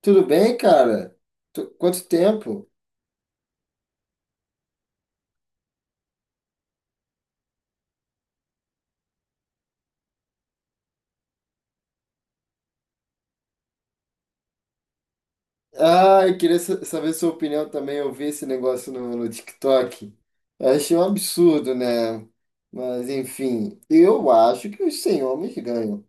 Tudo bem, cara? Quanto tempo? Ah, eu queria saber sua opinião também. Eu vi esse negócio no TikTok. Eu achei um absurdo, né? Mas, enfim, eu acho que os 100 homens ganham.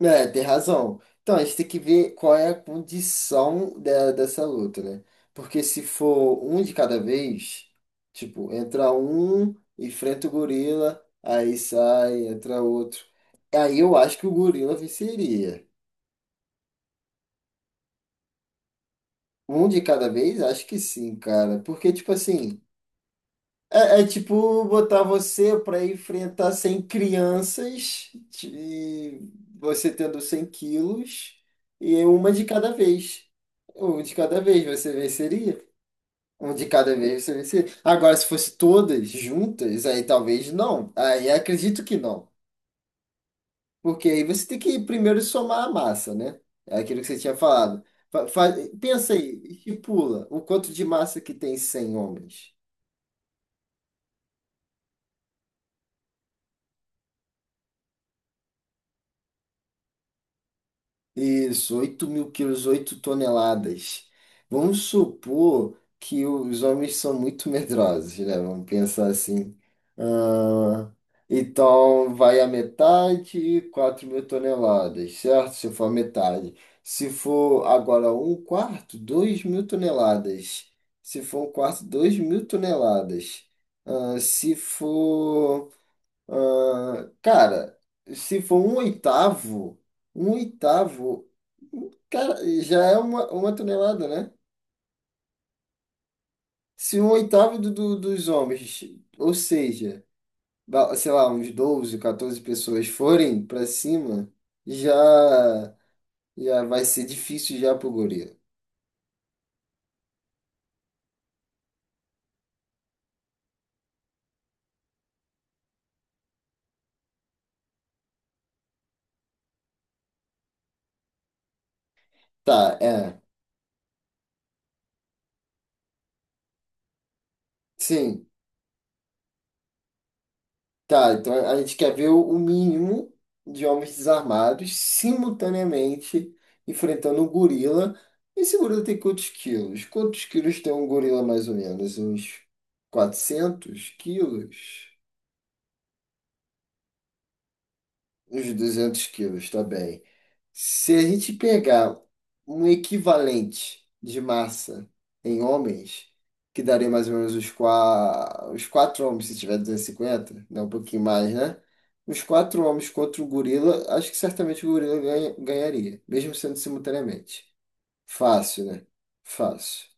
É, tem razão. Então, a gente tem que ver qual é a condição dessa luta, né? Porque se for um de cada vez, tipo, entra um, enfrenta o gorila, aí sai, entra outro. Aí eu acho que o gorila venceria. Um de cada vez? Acho que sim, cara. Porque, tipo assim, é tipo botar você pra enfrentar 100 crianças, e você tendo 100 quilos, e uma de cada vez. Um de cada vez você venceria. Um de cada vez você venceria. Agora, se fosse todas juntas, aí talvez não. Aí acredito que não. Porque aí você tem que primeiro somar a massa, né? É aquilo que você tinha falado. Fa- fa- Pensa aí, estipula o quanto de massa que tem 100 homens. Isso, 8.000 quilos, 8 toneladas. Vamos supor que os homens são muito medrosos, né? Vamos pensar assim. Ah, então, vai a metade, 4.000 toneladas, certo? Se for a metade. Se for agora um quarto, 2.000 toneladas. Se for um quarto, 2.000 toneladas. Ah, se for. ah, cara, Se for um oitavo. Um oitavo. Cara, já é uma tonelada, né? Se um oitavo dos homens, ou seja, sei lá, uns 12 14 pessoas forem pra cima, já, já vai ser difícil já pro gorila. Tá, é. Sim, tá. Então a gente quer ver o mínimo de homens desarmados simultaneamente enfrentando um gorila. Esse gorila tem quantos quilos? Quantos quilos tem um gorila mais ou menos? Uns 400 quilos? Uns 200 quilos, tá bem. Se a gente pegar um equivalente de massa em homens, que daria mais ou menos os quatro homens, se tiver 250, né? Um pouquinho mais, né? Os quatro homens contra o gorila, acho que certamente o gorila ganharia, mesmo sendo simultaneamente. Fácil, né? Fácil.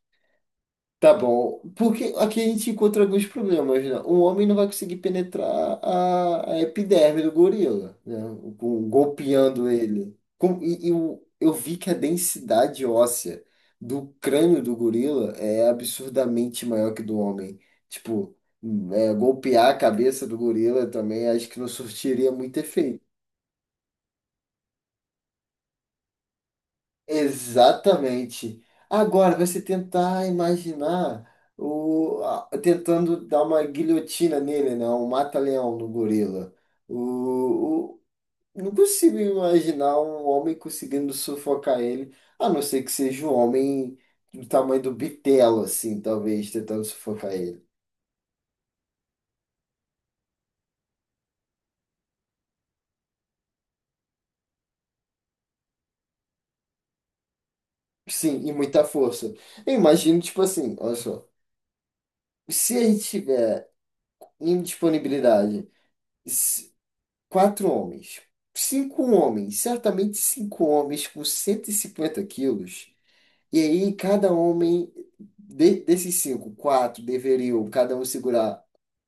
Tá bom. Porque aqui a gente encontra alguns problemas, né? Um homem não vai conseguir penetrar a epiderme do gorila, né? Golpeando ele. Eu vi que a densidade óssea do crânio do gorila é absurdamente maior que do homem. Tipo, é, golpear a cabeça do gorila também acho que não surtiria muito efeito. Exatamente. Agora, você tentar imaginar tentando dar uma guilhotina nele, né? Um mata-leão no gorila. O, o- não consigo imaginar um homem conseguindo sufocar ele, a não ser que seja um homem do tamanho do bitelo, assim, talvez, tentando sufocar ele. Sim, e muita força. Eu imagino, tipo assim, olha só, se a gente tiver indisponibilidade. Quatro homens. Cinco homens, certamente cinco homens com 150 quilos. E aí, cada homem desses cinco, quatro deveriam cada um segurar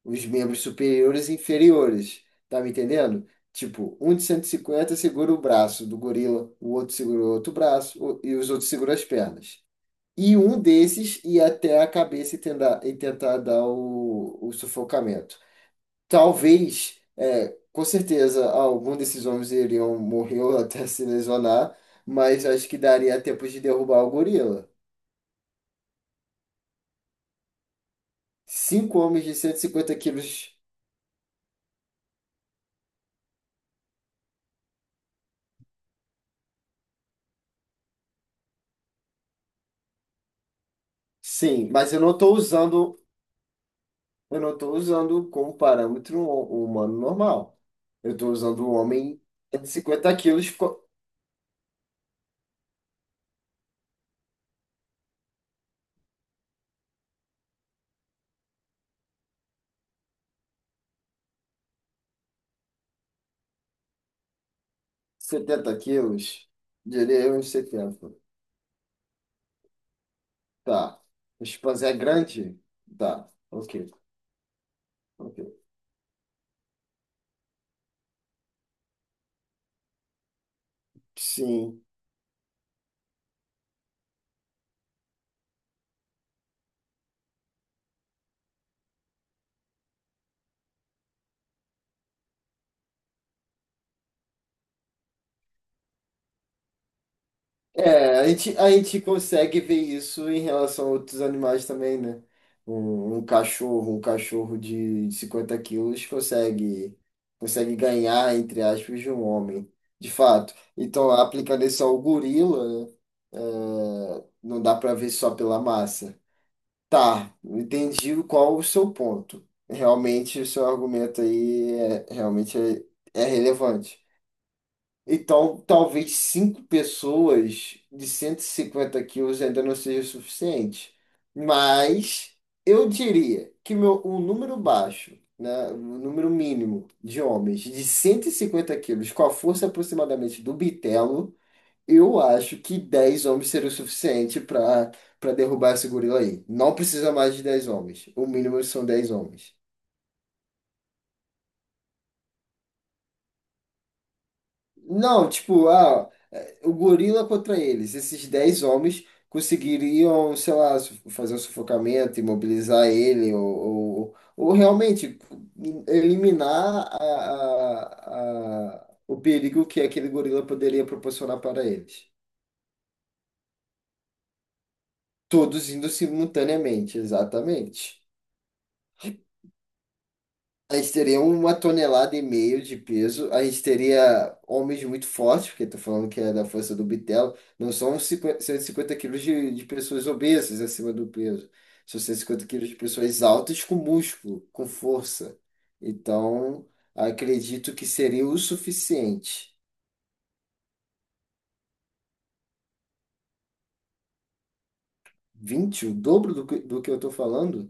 os membros superiores e inferiores. Tá me entendendo? Tipo, um de 150 segura o braço do gorila, o outro segura o outro braço e os outros seguram as pernas. E um desses ia até a cabeça e tentar dar o sufocamento. Talvez, é, com certeza, algum desses homens iriam morrer ou até se lesionar, mas acho que daria tempo de derrubar o gorila. Cinco homens de 150 quilos, sim, mas eu não estou usando como parâmetro o humano normal. Eu estou usando um homem de cento e cinquenta quilos, 70 quilos, diria eu, uns 70. Tá. O chimpanzé é grande? Tá, ok, ok. Sim. É, a gente consegue ver isso em relação a outros animais também, né? Um cachorro, de, 50 quilos consegue ganhar, entre aspas, de um homem, de fato. Então, aplicando isso ao gorila, né? É, não dá para ver só pela massa. Tá, entendi qual o seu ponto. Realmente, o seu argumento aí é, realmente é relevante. Então, talvez cinco pessoas de 150 quilos ainda não seja suficiente. Mas eu diria que um número baixo, né, um número mínimo de homens de 150 quilos, com a força aproximadamente do bitelo, eu acho que 10 homens seria o suficiente para derrubar esse gorila aí. Não precisa mais de 10 homens. O mínimo são 10 homens. Não, tipo, ah, o gorila contra eles, esses 10 homens conseguiriam, sei lá, fazer um sufocamento, imobilizar ele, ou realmente eliminar o perigo que aquele gorila poderia proporcionar para eles. Todos indo simultaneamente, exatamente. A gente teria uma tonelada e meio de peso. A gente teria homens muito fortes, porque tô falando que é da força do bitelo. Não são cinquenta 150 quilos de pessoas obesas acima do peso. São 150 quilos de pessoas altas com músculo, com força. Então, acredito que seria o suficiente. Vinte o dobro do que eu tô falando?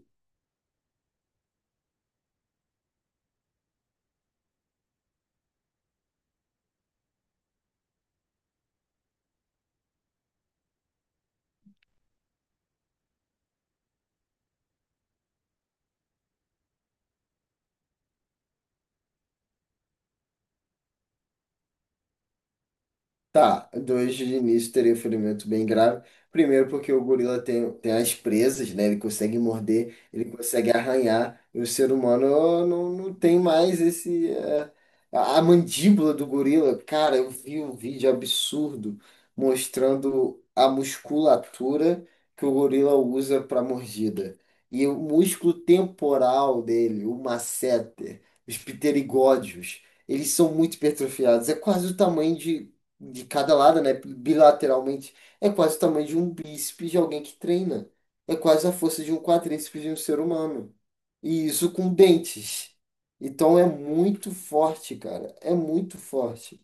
Tá, dois de início teria um ferimento bem grave. Primeiro, porque o gorila tem as presas, né? Ele consegue morder, ele consegue arranhar. E o ser humano não tem mais esse. É, a mandíbula do gorila. Cara, eu vi um vídeo absurdo mostrando a musculatura que o gorila usa para mordida. E o músculo temporal dele, o masseter, os pterigódeos, eles são muito hipertrofiados. É quase o tamanho de cada lado, né? Bilateralmente. É quase o tamanho de um bíceps de alguém que treina. É quase a força de um quadríceps de um ser humano. E isso com dentes. Então é muito forte, cara. É muito forte.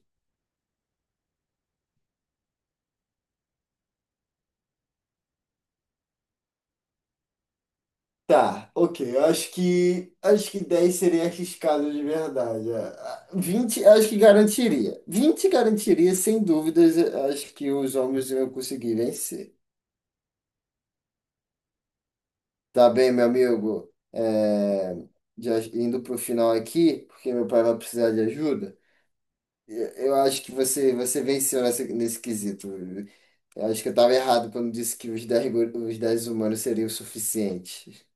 Tá, ok. Eu acho que 10 seria arriscado de verdade. É. Ah, eu acho que garantiria. 20 garantiria, sem dúvidas, eu acho que os homens iam conseguir vencer. Tá bem, meu amigo. É, já indo para o final aqui, porque meu pai vai precisar de ajuda. Eu acho que você venceu nesse quesito. Eu acho que eu estava errado quando disse que os 10 humanos seriam o suficiente.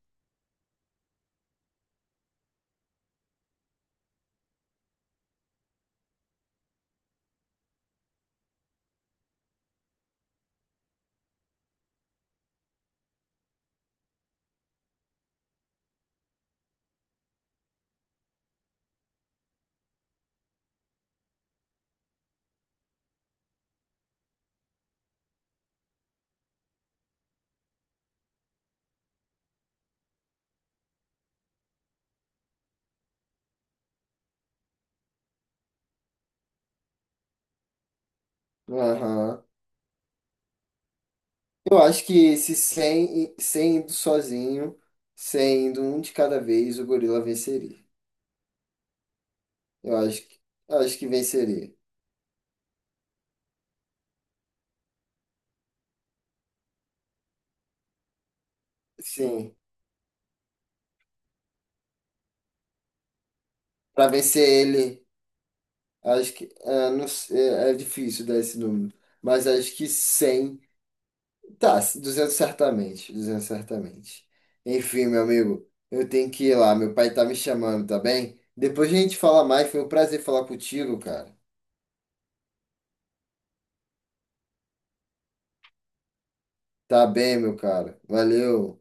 Aham. Eu acho que se 100, 100 indo sozinho, 100 indo um de cada vez, o gorila venceria. Eu acho que, eu acho que venceria. Sim. Para vencer ele. Acho que é, não sei, é difícil dar esse número, mas acho que 100. Tá, 200 certamente, 200 certamente. Enfim, meu amigo, eu tenho que ir lá, meu pai tá me chamando, tá bem? Depois a gente fala mais, foi um prazer falar contigo, cara. Tá bem, meu cara. Valeu.